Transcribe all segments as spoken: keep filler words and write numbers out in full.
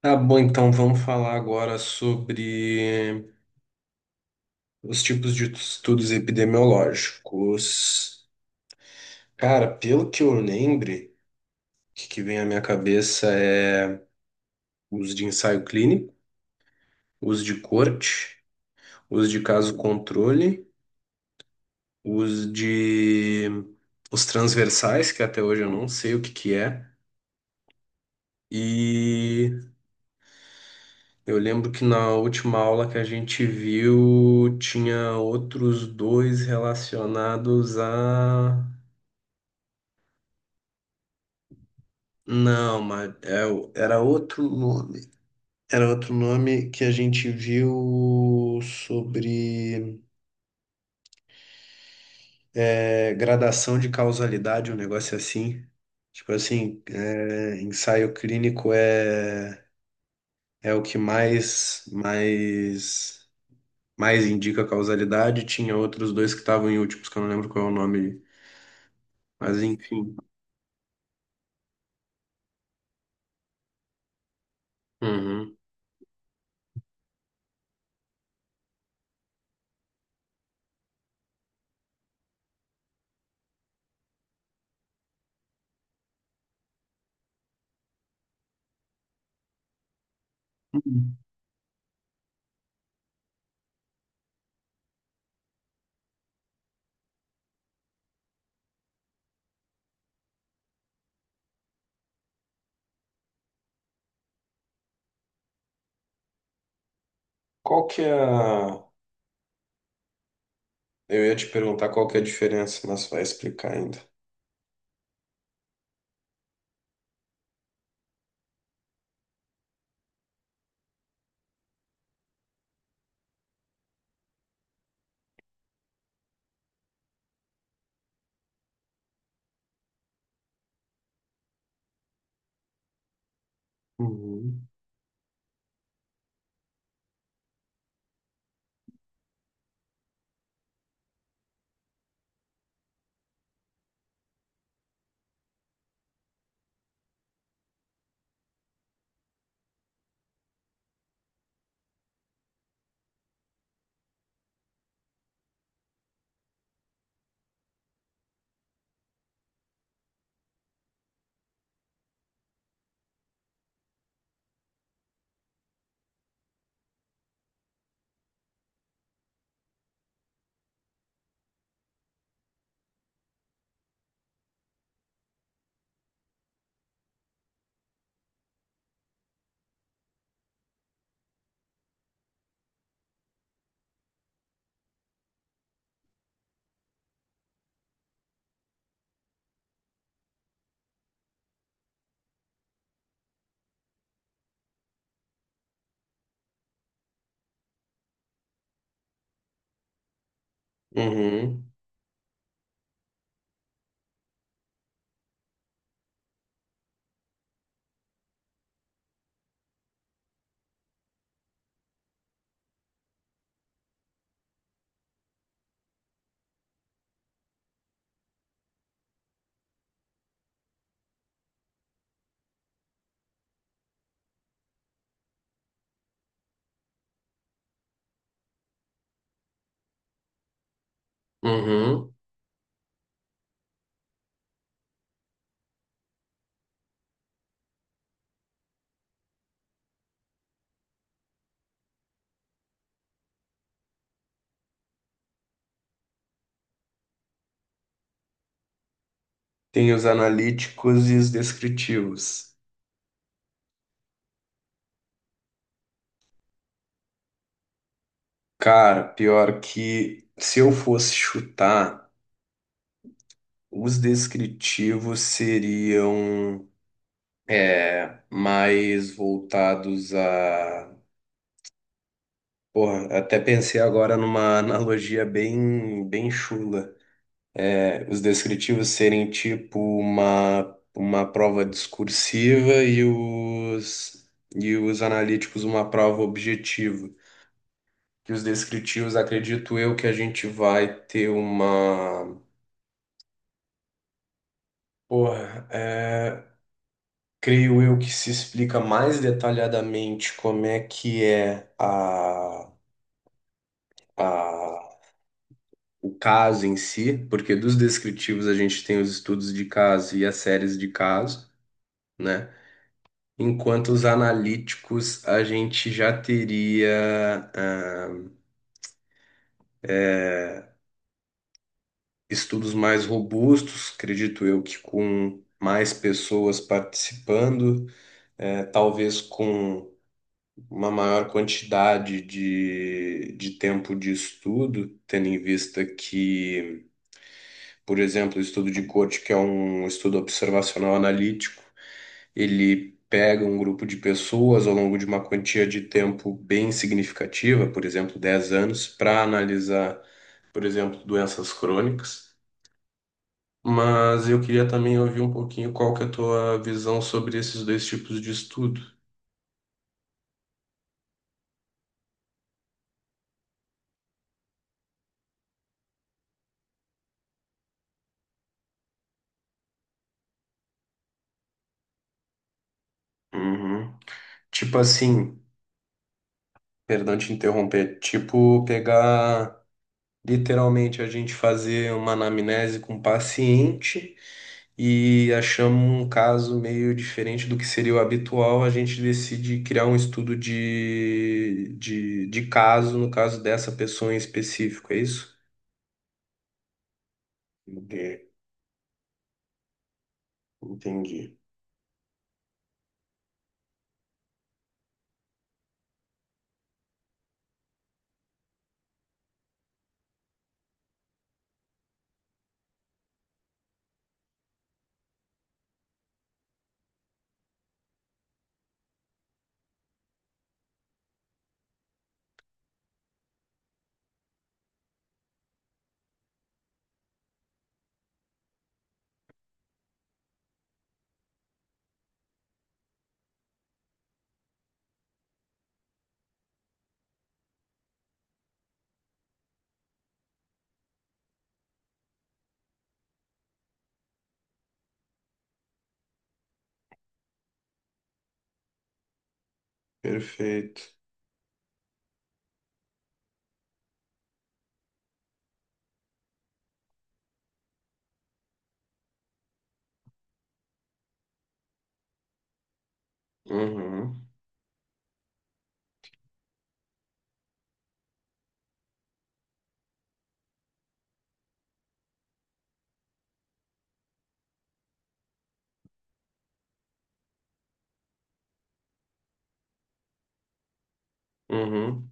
Tá bom, então vamos falar agora sobre os tipos de estudos epidemiológicos. Cara, pelo que eu lembre, o que que vem à minha cabeça é os de ensaio clínico, os de corte, os de caso controle, os de os transversais, que até hoje eu não sei o que que é. E eu lembro que na última aula que a gente viu, tinha outros dois relacionados a. Não, mas é o- era outro nome. Era outro nome que a gente viu sobre é, gradação de causalidade, um negócio assim. Tipo assim, é, ensaio clínico é, é o que mais, mais, mais indica causalidade. Tinha outros dois que estavam em últimos, que eu não lembro qual é o nome, mas enfim. Uhum. Qual que é a. Eu ia te perguntar qual que é a diferença, mas vai explicar ainda. Uhum. Uhum, uhum. Tem os analíticos e os descritivos. Cara, pior que se eu fosse chutar, os descritivos seriam é, mais voltados a. Porra, até pensei agora numa analogia bem, bem chula. É, os descritivos serem tipo uma, uma prova discursiva e os, e os analíticos uma prova objetiva. Que os descritivos, acredito eu que a gente vai ter uma. Porra, é, creio eu que se explica mais detalhadamente como é que é a, a, o caso em si, porque dos descritivos a gente tem os estudos de caso e as séries de caso, né? Enquanto os analíticos a gente já teria ah, estudos mais robustos, acredito eu que com mais pessoas participando, é, talvez com uma maior quantidade de, de tempo de estudo, tendo em vista que, por exemplo, o estudo de Coach, que é um estudo observacional analítico, ele pega um grupo de pessoas ao longo de uma quantia de tempo bem significativa, por exemplo, dez anos, para analisar, por exemplo, doenças crônicas. Mas eu queria também ouvir um pouquinho qual que é a tua visão sobre esses dois tipos de estudo. Uhum. Tipo assim, perdão te interromper. Tipo, pegar literalmente a gente fazer uma anamnese com o paciente e achamos um caso meio diferente do que seria o habitual, a gente decide criar um estudo de, de, de caso, no caso dessa pessoa em específico, é isso? Entendi. Entendi. Perfeito. Uhum. Uhum.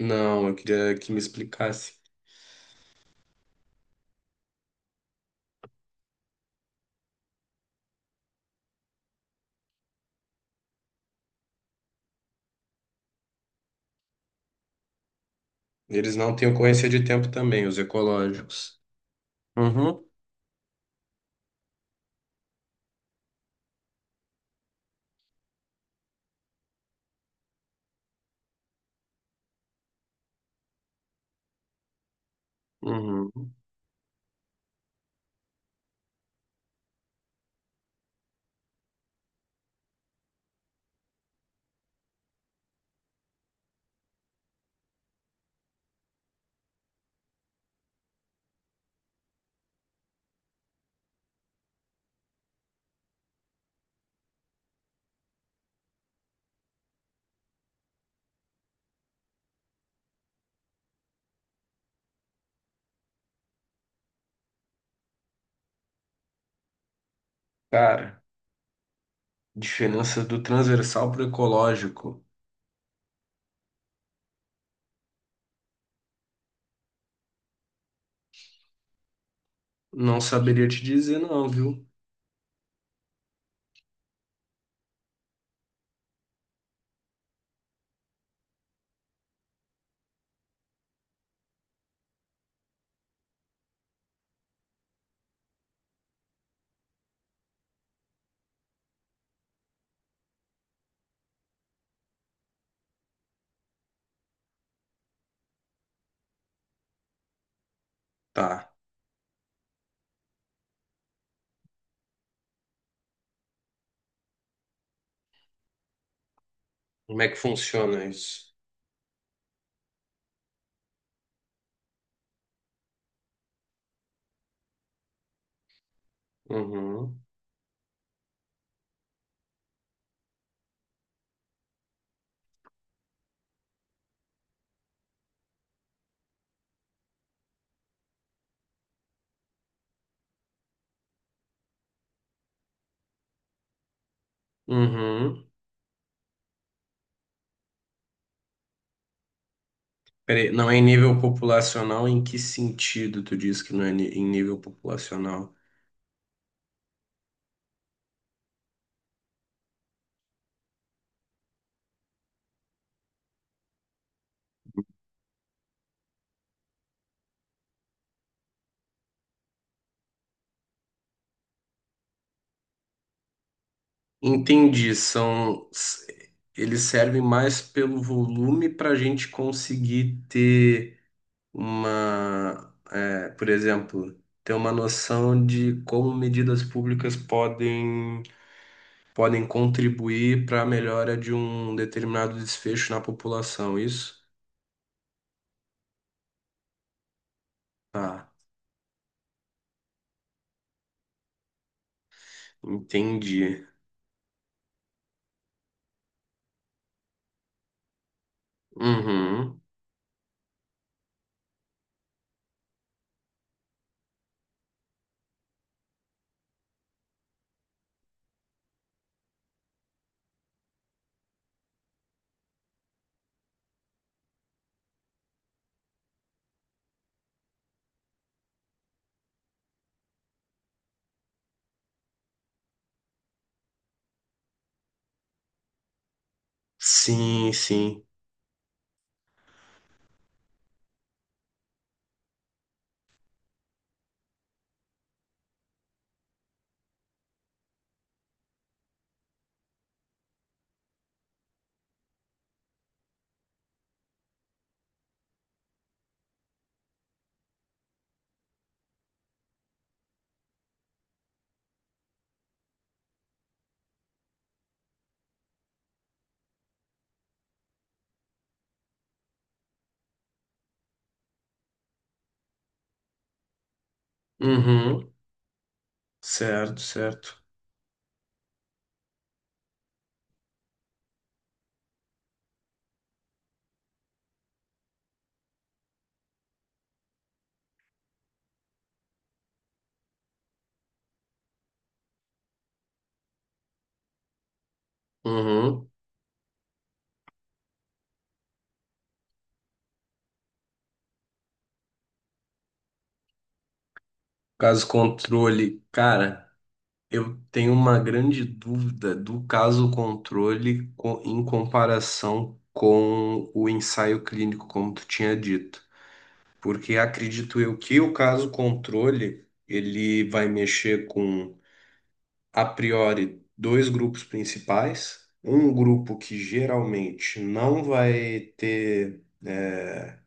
Não, eu queria que me explicasse. Eles não têm ocorrência de tempo também, os ecológicos. Uhum. Uhum. Cara, diferença do transversal pro ecológico. Não saberia te dizer, não, viu? Tá. Como é que funciona isso? Uhum. Uhum. Peraí, não é em nível populacional? Em que sentido tu diz que não é ni- em nível populacional? Entendi. São. s-. Eles servem mais pelo volume para a gente conseguir ter uma. é, por exemplo, ter uma noção de como medidas públicas podem. podem contribuir para a melhora de um determinado desfecho na população, isso? ah Entendi. Uhum. Sim, sim. Uhum. Certo, certo. Uhum. Caso controle, cara, eu tenho uma grande dúvida do caso controle co- em comparação com o ensaio clínico, como tu tinha dito. Porque acredito eu que o caso controle, ele vai mexer com, a priori, dois grupos principais. Um grupo que geralmente não vai ter, é,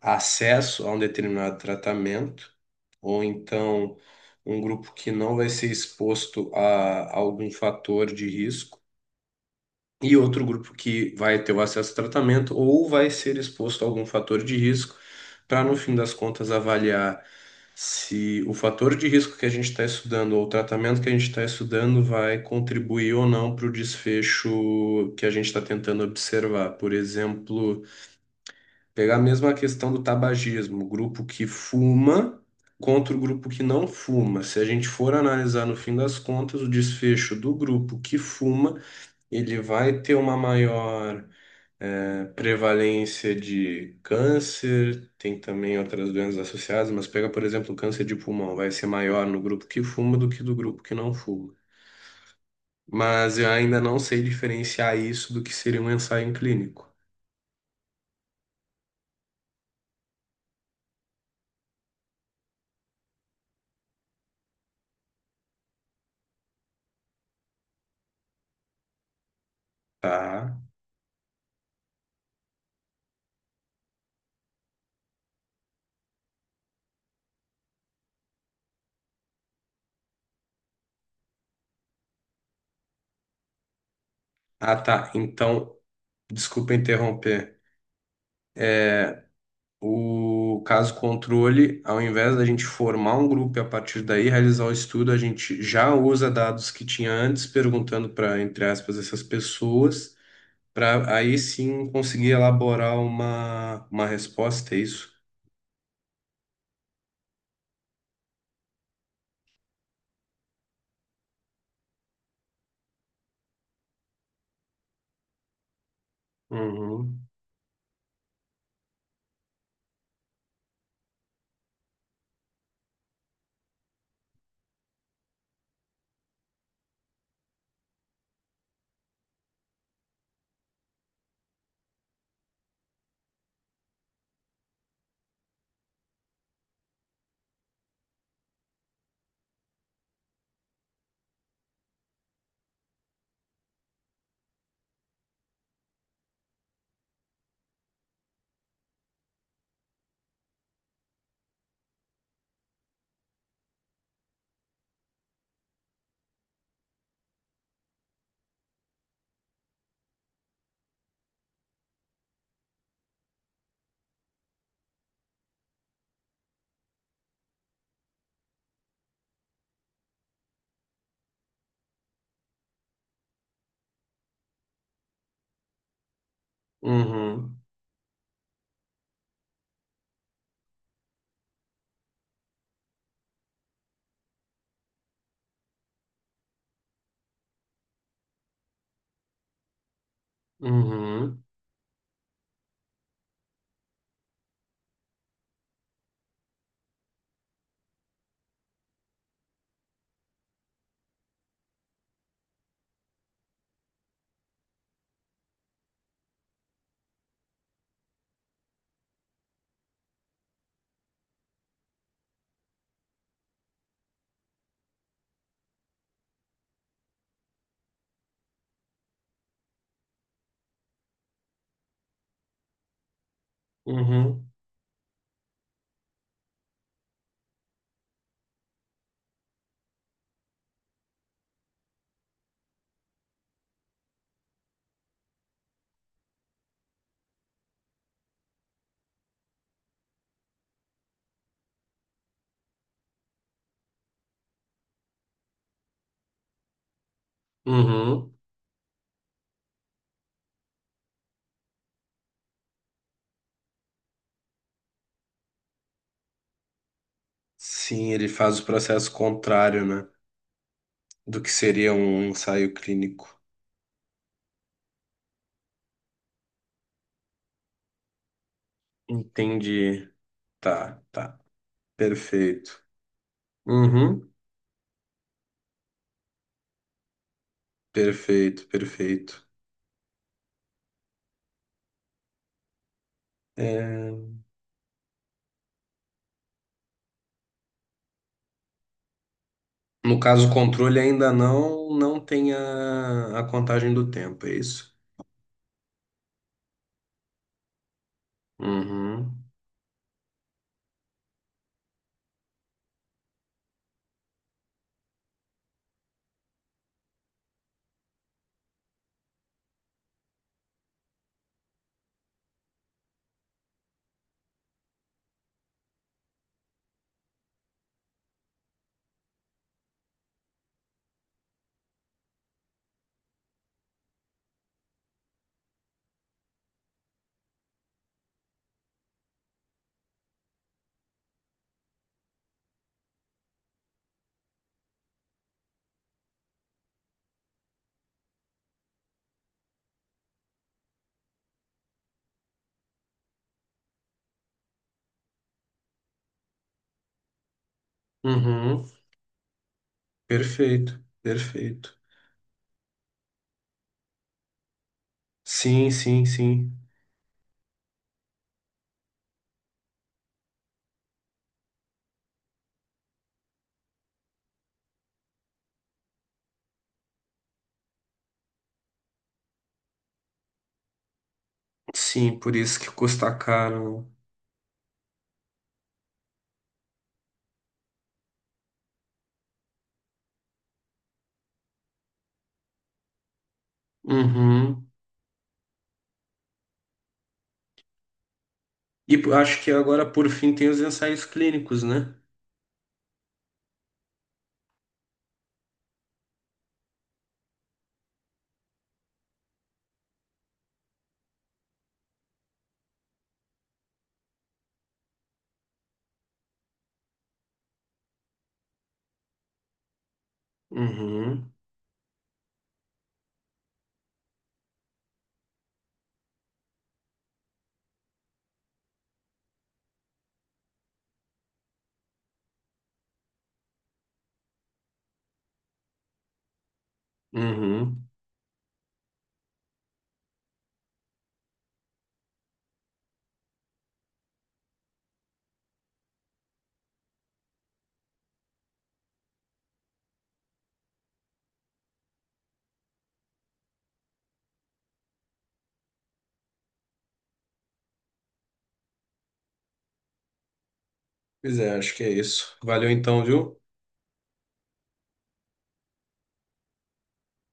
acesso a um determinado tratamento, ou então um grupo que não vai ser exposto a algum fator de risco e outro grupo que vai ter o acesso a tratamento ou vai ser exposto a algum fator de risco, para no fim das contas avaliar se o fator de risco que a gente está estudando ou o tratamento que a gente está estudando vai contribuir ou não para o desfecho que a gente está tentando observar. Por exemplo, pegar mesmo a questão do tabagismo, o grupo que fuma. Contra o grupo que não fuma. Se a gente for analisar no fim das contas, o desfecho do grupo que fuma, ele vai ter uma maior, eh, prevalência de câncer, tem também outras doenças associadas, mas pega, por exemplo, o câncer de pulmão, vai ser maior no grupo que fuma do que do grupo que não fuma. Mas eu ainda não sei diferenciar isso do que seria um ensaio clínico, tá? Ah, tá. Então, desculpa interromper. É, O caso controle, ao invés da gente formar um grupo e a partir daí realizar o estudo, a gente já usa dados que tinha antes, perguntando para, entre aspas, essas pessoas, para aí sim conseguir elaborar uma, uma resposta, é isso? Uhum, uhum, uhum, uhum, uhum. Sim, ele faz o processo contrário, né, do que seria um ensaio clínico. Entendi. Tá, tá. Perfeito. Uhum. Perfeito, perfeito. É, no caso, o controle ainda não não tem a, a contagem do tempo, é isso? Uhum, uhum, perfeito, perfeito. Sim, sim, sim. Sim, por isso que custa caro. Uhum. E p- acho que agora, por fim, tem os ensaios clínicos, né? Uhum, uhum. Pois é, acho que é isso. Valeu então, viu?